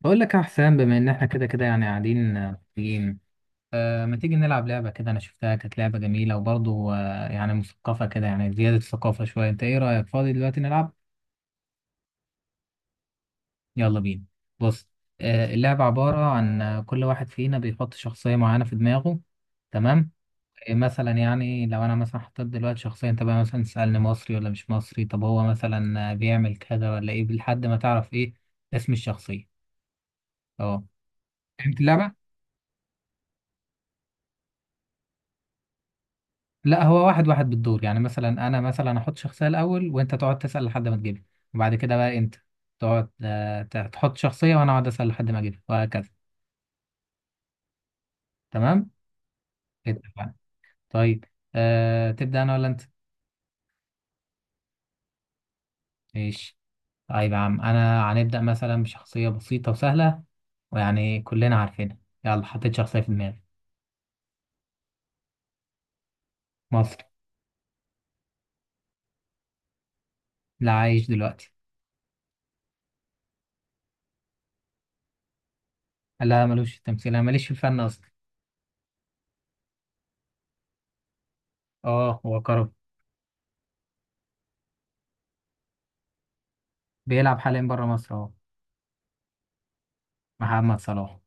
بقول لك يا حسام بما ان احنا كده كده يعني قاعدين، آه، مبسوطين. ما تيجي نلعب لعبة كده. انا شفتها كانت لعبة جميلة وبرضه يعني مثقفة كده، يعني زيادة ثقافة شوية. انت ايه رأيك فاضي دلوقتي نلعب؟ يلا بينا. بص، اللعبة عبارة عن كل واحد فينا بيحط شخصية معينة في دماغه. تمام. مثلا يعني لو انا مثلا حطيت دلوقتي شخصية، انت بقى مثلا تسألني مصري ولا مش مصري، طب هو مثلا بيعمل كذا ولا ايه، لحد ما تعرف ايه اسم الشخصية. اه، فهمت اللعبة. لا، هو واحد واحد بالدور، يعني مثلا انا مثلا احط شخصيه الاول وانت تقعد تسال لحد ما تجيبها، وبعد كده بقى انت تقعد تحط شخصيه وانا اقعد اسال لحد ما اجيبها، وهكذا. تمام، اتفقنا. طيب، أه تبدا انا ولا انت؟ ماشي. طيب يا عم انا هنبدا مثلا بشخصيه بسيطه وسهله، ويعني كلنا عارفينها. يلا، حطيت شخصيه في دماغي. مصري. لا، عايش دلوقتي. لا ملوش في التمثيل، انا ماليش في الفن اصلا. اه، هو كرم. بيلعب حاليا بره مصر اهو. محمد صلاح.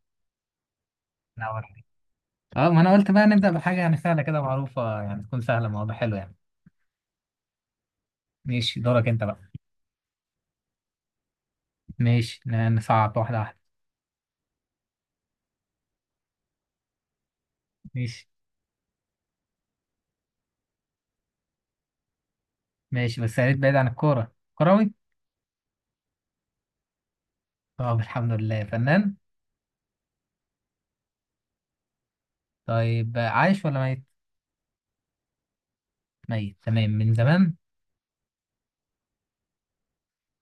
لا. اه، ما انا قلت بقى نبدأ بحاجة يعني سهلة كده، معروفة يعني، تكون سهلة، الموضوع حلو يعني. ماشي، دورك انت بقى. ماشي، نصعب واحدة واحدة. ماشي ماشي، بس يا ريت بعيد عن الكورة. كروي. طب الحمد لله، فنان. طيب عايش ولا ميت؟ ميت تمام، من زمان.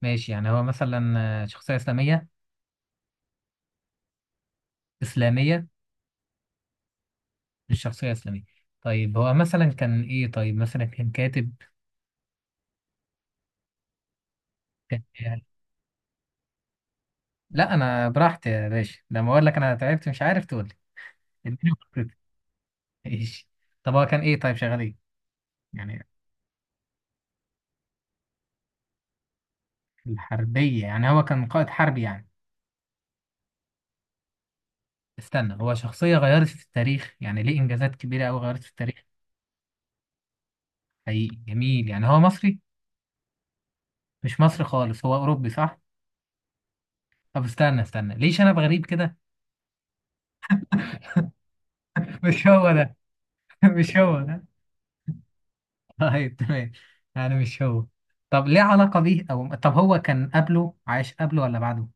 ماشي، يعني هو مثلا شخصية إسلامية. إسلامية. مش شخصية إسلامية. طيب هو مثلا كان إيه؟ طيب مثلا كان كاتب. كان يعني، لا أنا براحتي يا باشا، لما أقول لك أنا تعبت مش عارف تقول لي. اديني فرصتي. ماشي. طب هو كان إيه؟ طيب شغال إيه يعني؟ الحربية، يعني هو كان قائد حربي يعني. استنى، هو شخصية غيرت في التاريخ يعني، ليه إنجازات كبيرة أوي غيرت في التاريخ. حقيقي، جميل. يعني هو مصري؟ مش مصري خالص، هو أوروبي صح؟ طب استنى استنى، ليش أنا بغريب كده؟ مش هو ده. مش هو ده. طيب تمام، يعني مش هو. طب ليه علاقة بيه، أو طب هو كان قبله، عايش قبله ولا بعده؟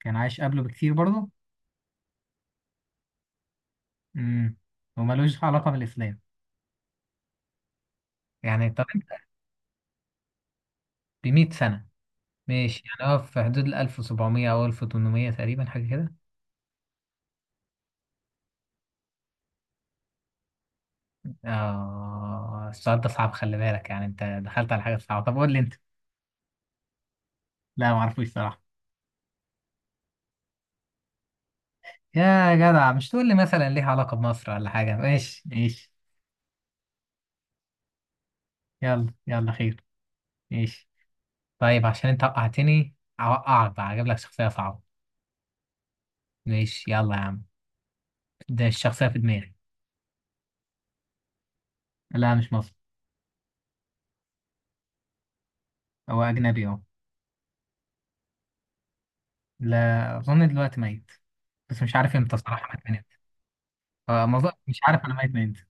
كان عايش قبله بكتير برضه؟ امم. وملوش علاقة بالإسلام، يعني طب أنت، ب 100 سنة ماشي، يعني هو في حدود ال 1700 أو 1800 تقريبا، حاجة كده. السؤال ده صعب، خلي بالك، يعني انت دخلت على حاجة صعبة. طب قول لي انت. لا ما اعرفوش صراحة. يا جدع، مش تقول لي مثلا ليها علاقة بمصر ولا حاجة. ماشي ماشي. يلا يلا خير. ماشي. طيب عشان انت وقعتني اوقعك بقى، اجيب لك شخصية صعبة. ماشي يلا يا عم. ده الشخصية في دماغي. لا مش مصري. هو أجنبي أهو. لا اظن دلوقتي ميت، بس مش عارف امتى صراحة مات من امتى. آه، ما أظن- مش عارف أنا ميت من إمتى.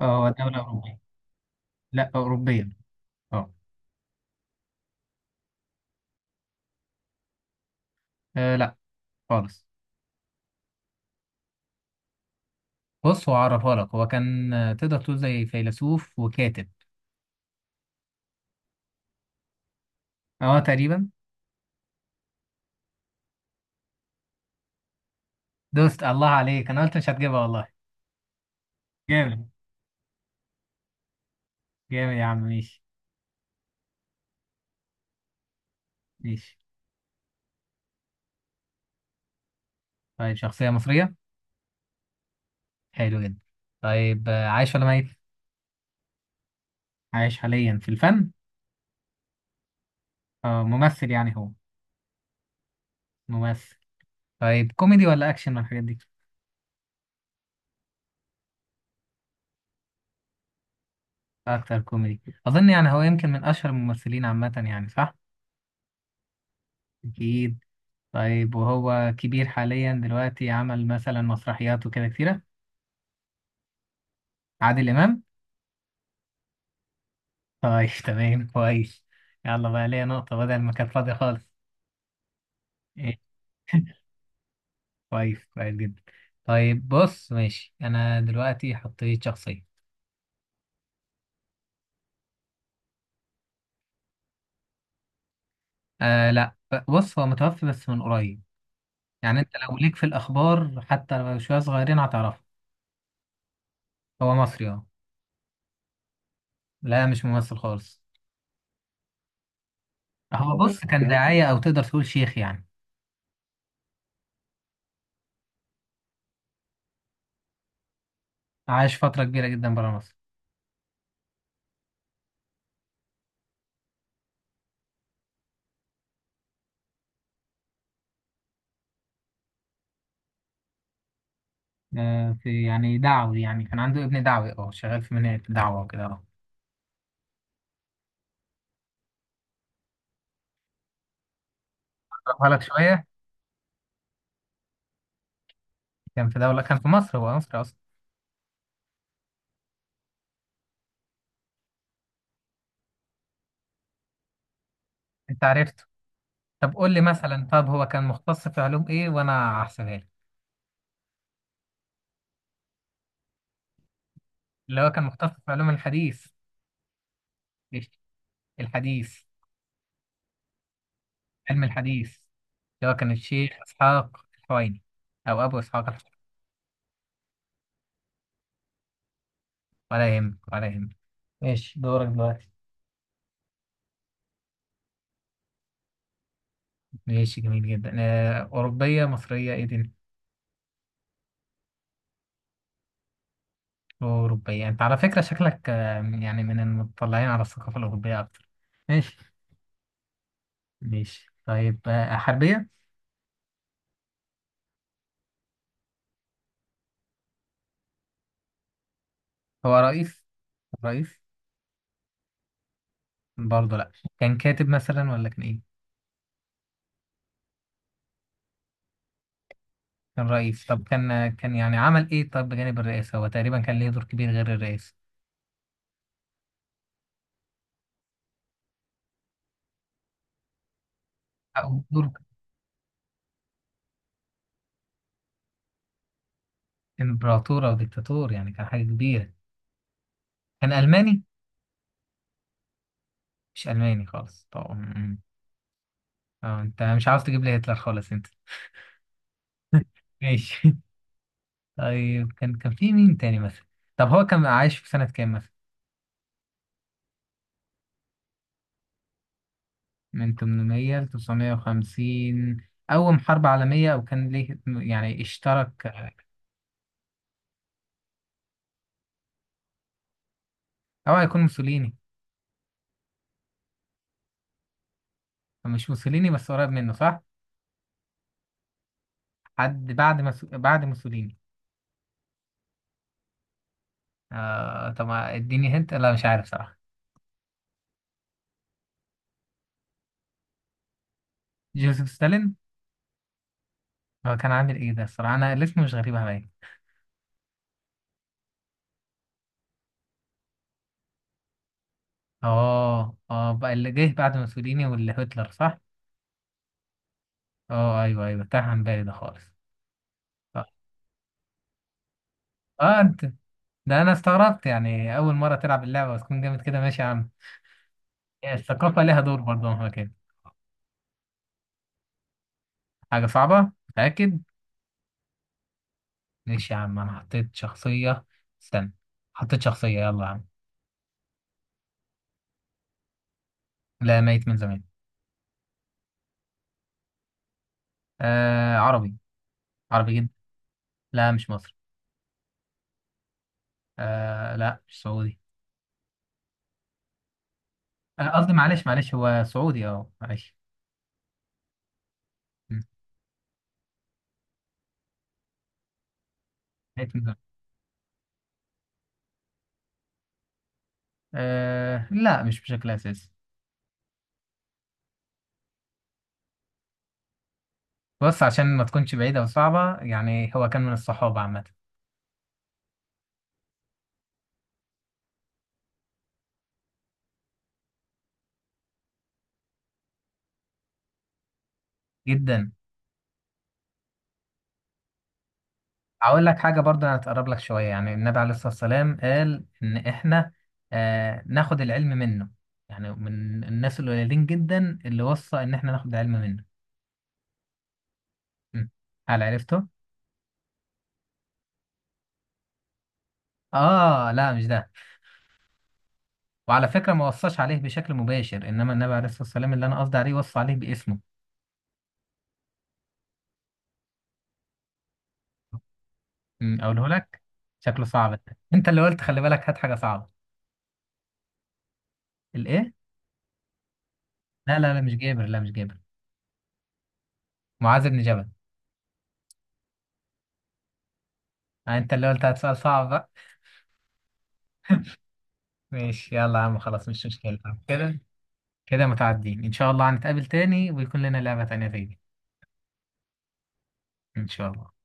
اه هو دولة أوروبية. لا، أوروبية. أه. لا خالص. بص، هو عرفها لك. هو كان تقدر تقول زي فيلسوف وكاتب. اه تقريبا. دوست الله عليك، انا قلت مش هتجيبها والله. جامد. جامد يا عم، ماشي. ماشي. طيب، شخصية مصرية. حلو جدا. طيب عايش ولا ميت؟ عايش حاليا في الفن. اه ممثل يعني هو. ممثل. طيب كوميدي ولا اكشن من الحاجات دي؟ اكتر كوميدي، اظن يعني هو يمكن من اشهر الممثلين عامة يعني صح. اكيد. طيب وهو كبير حاليا دلوقتي، عمل مثلا مسرحيات وكده كتيرة. عادل امام. طيب تمام، كويس. يلا بقى ليا نقطة بدل ما كانت فاضية خالص. إيه، كويس كويس جدا. طيب بص، ماشي. أنا دلوقتي حطيت شخصية. آه لا، بص هو متوفي بس من قريب، يعني أنت لو ليك في الأخبار حتى لو شوية صغيرين هتعرفه. هو مصري أه. لا مش ممثل خالص. هو بص كان داعية، أو تقدر تقول شيخ يعني. عاش فترة كبيرة جدا برا مصر. آه في يعني دعوي، يعني كان عنده ابن دعوي، أه شغال في منهج دعوة وكده أه. أقربها لك شوية. كان في دولة، كان في مصر، هو مصري أصلا. انت عرفته. طب قول لي مثلا، طب هو كان مختص في علوم ايه وانا هحسبها لك. اللي هو كان مختص في علوم الحديث. إيش؟ الحديث. علم الحديث. اللي هو كان الشيخ اسحاق الحويني، او ابو اسحاق الحويني. ولا يهمك ولا يهمك. ماشي، دورك دلوقتي. ماشي، جميل جدا. أوروبية مصرية إيه دي؟ أوروبية. أنت على فكرة شكلك يعني من المطلعين على الثقافة الأوروبية أكتر. ماشي. ماشي طيب حربية؟ هو رئيس؟ رئيس؟ برضه لا. كان كاتب مثلا، ولا كان ايه؟ كان رئيس؟ طب كان يعني عمل ايه؟ طب بجانب الرئاسة، هو تقريبا كان ليه دور كبير غير الرئاسة. أو دور امبراطور او ديكتاتور، يعني كان حاجة كبيرة. كان ألماني؟ مش ألماني خالص. طب م- م. اه انت مش عاوز تجيب لي هتلر خالص انت. ماشي. طيب، كان كان في مين تاني مثلا؟ طب هو كان عايش في سنة كام مثلا؟ من 800 ل 950. أول حرب عالمية أو كان ليه يعني اشترك أو هيكون موسوليني. مش موسوليني، بس قريب منه صح؟ حد بعد بعد موسوليني. آه طب ما اديني هنت، لا مش عارف صراحة. جوزيف ستالين. هو كان عامل ايه ده؟ الصراحة انا الاسم مش غريب عليا. اه اه، بقى اللي جه بعد موسوليني واللي هتلر صح؟ اه ايوه ايوه، تاه عن بالي ده خالص. اه، انت، ده انا استغربت، يعني اول مرة تلعب اللعبة وتكون جامد كده. ماشي يا عم، الثقافة لها دور برضه مهما كان. حاجة صعبة؟ متأكد. ماشي يا عم، انا حطيت شخصية. استنى. حطيت شخصية، يلا يا عم. لا، ميت من زمان. آه عربي. عربي. لا مش مصري. آه لا مش سعودي. قصدي، معلش معلش، هو سعودي اه، معلش. م. لقيت من زمان. آه لا، مش بشكل أساسي. بص، عشان ما تكونش بعيدة وصعبة، يعني هو كان من الصحابة عامة. جدا. أقول لك حاجة برضه هتقرب لك شوية. يعني النبي عليه الصلاة والسلام قال إن إحنا ناخد العلم منه، يعني من الناس القليلين جدا اللي وصى إن إحنا ناخد العلم منه. م. هل عرفته؟ آه لا مش ده. وعلى فكرة، ما وصاش عليه بشكل مباشر، إنما النبي عليه الصلاة والسلام اللي أنا قصدي عليه وصى عليه باسمه. أقوله لك. شكله صعب ده. أنت اللي قلت خلي بالك هات حاجة صعبة. الإيه؟ لا لا لا، مش جابر، لا مش جابر. معاذ بن جبل. أنت اللي قلت هات سؤال صعب بقى. ماشي يلا يا عم، خلاص مش مشكلة. كده كده متعدين إن شاء الله، هنتقابل تاني ويكون لنا لعبة تانية تاني. إن شاء الله.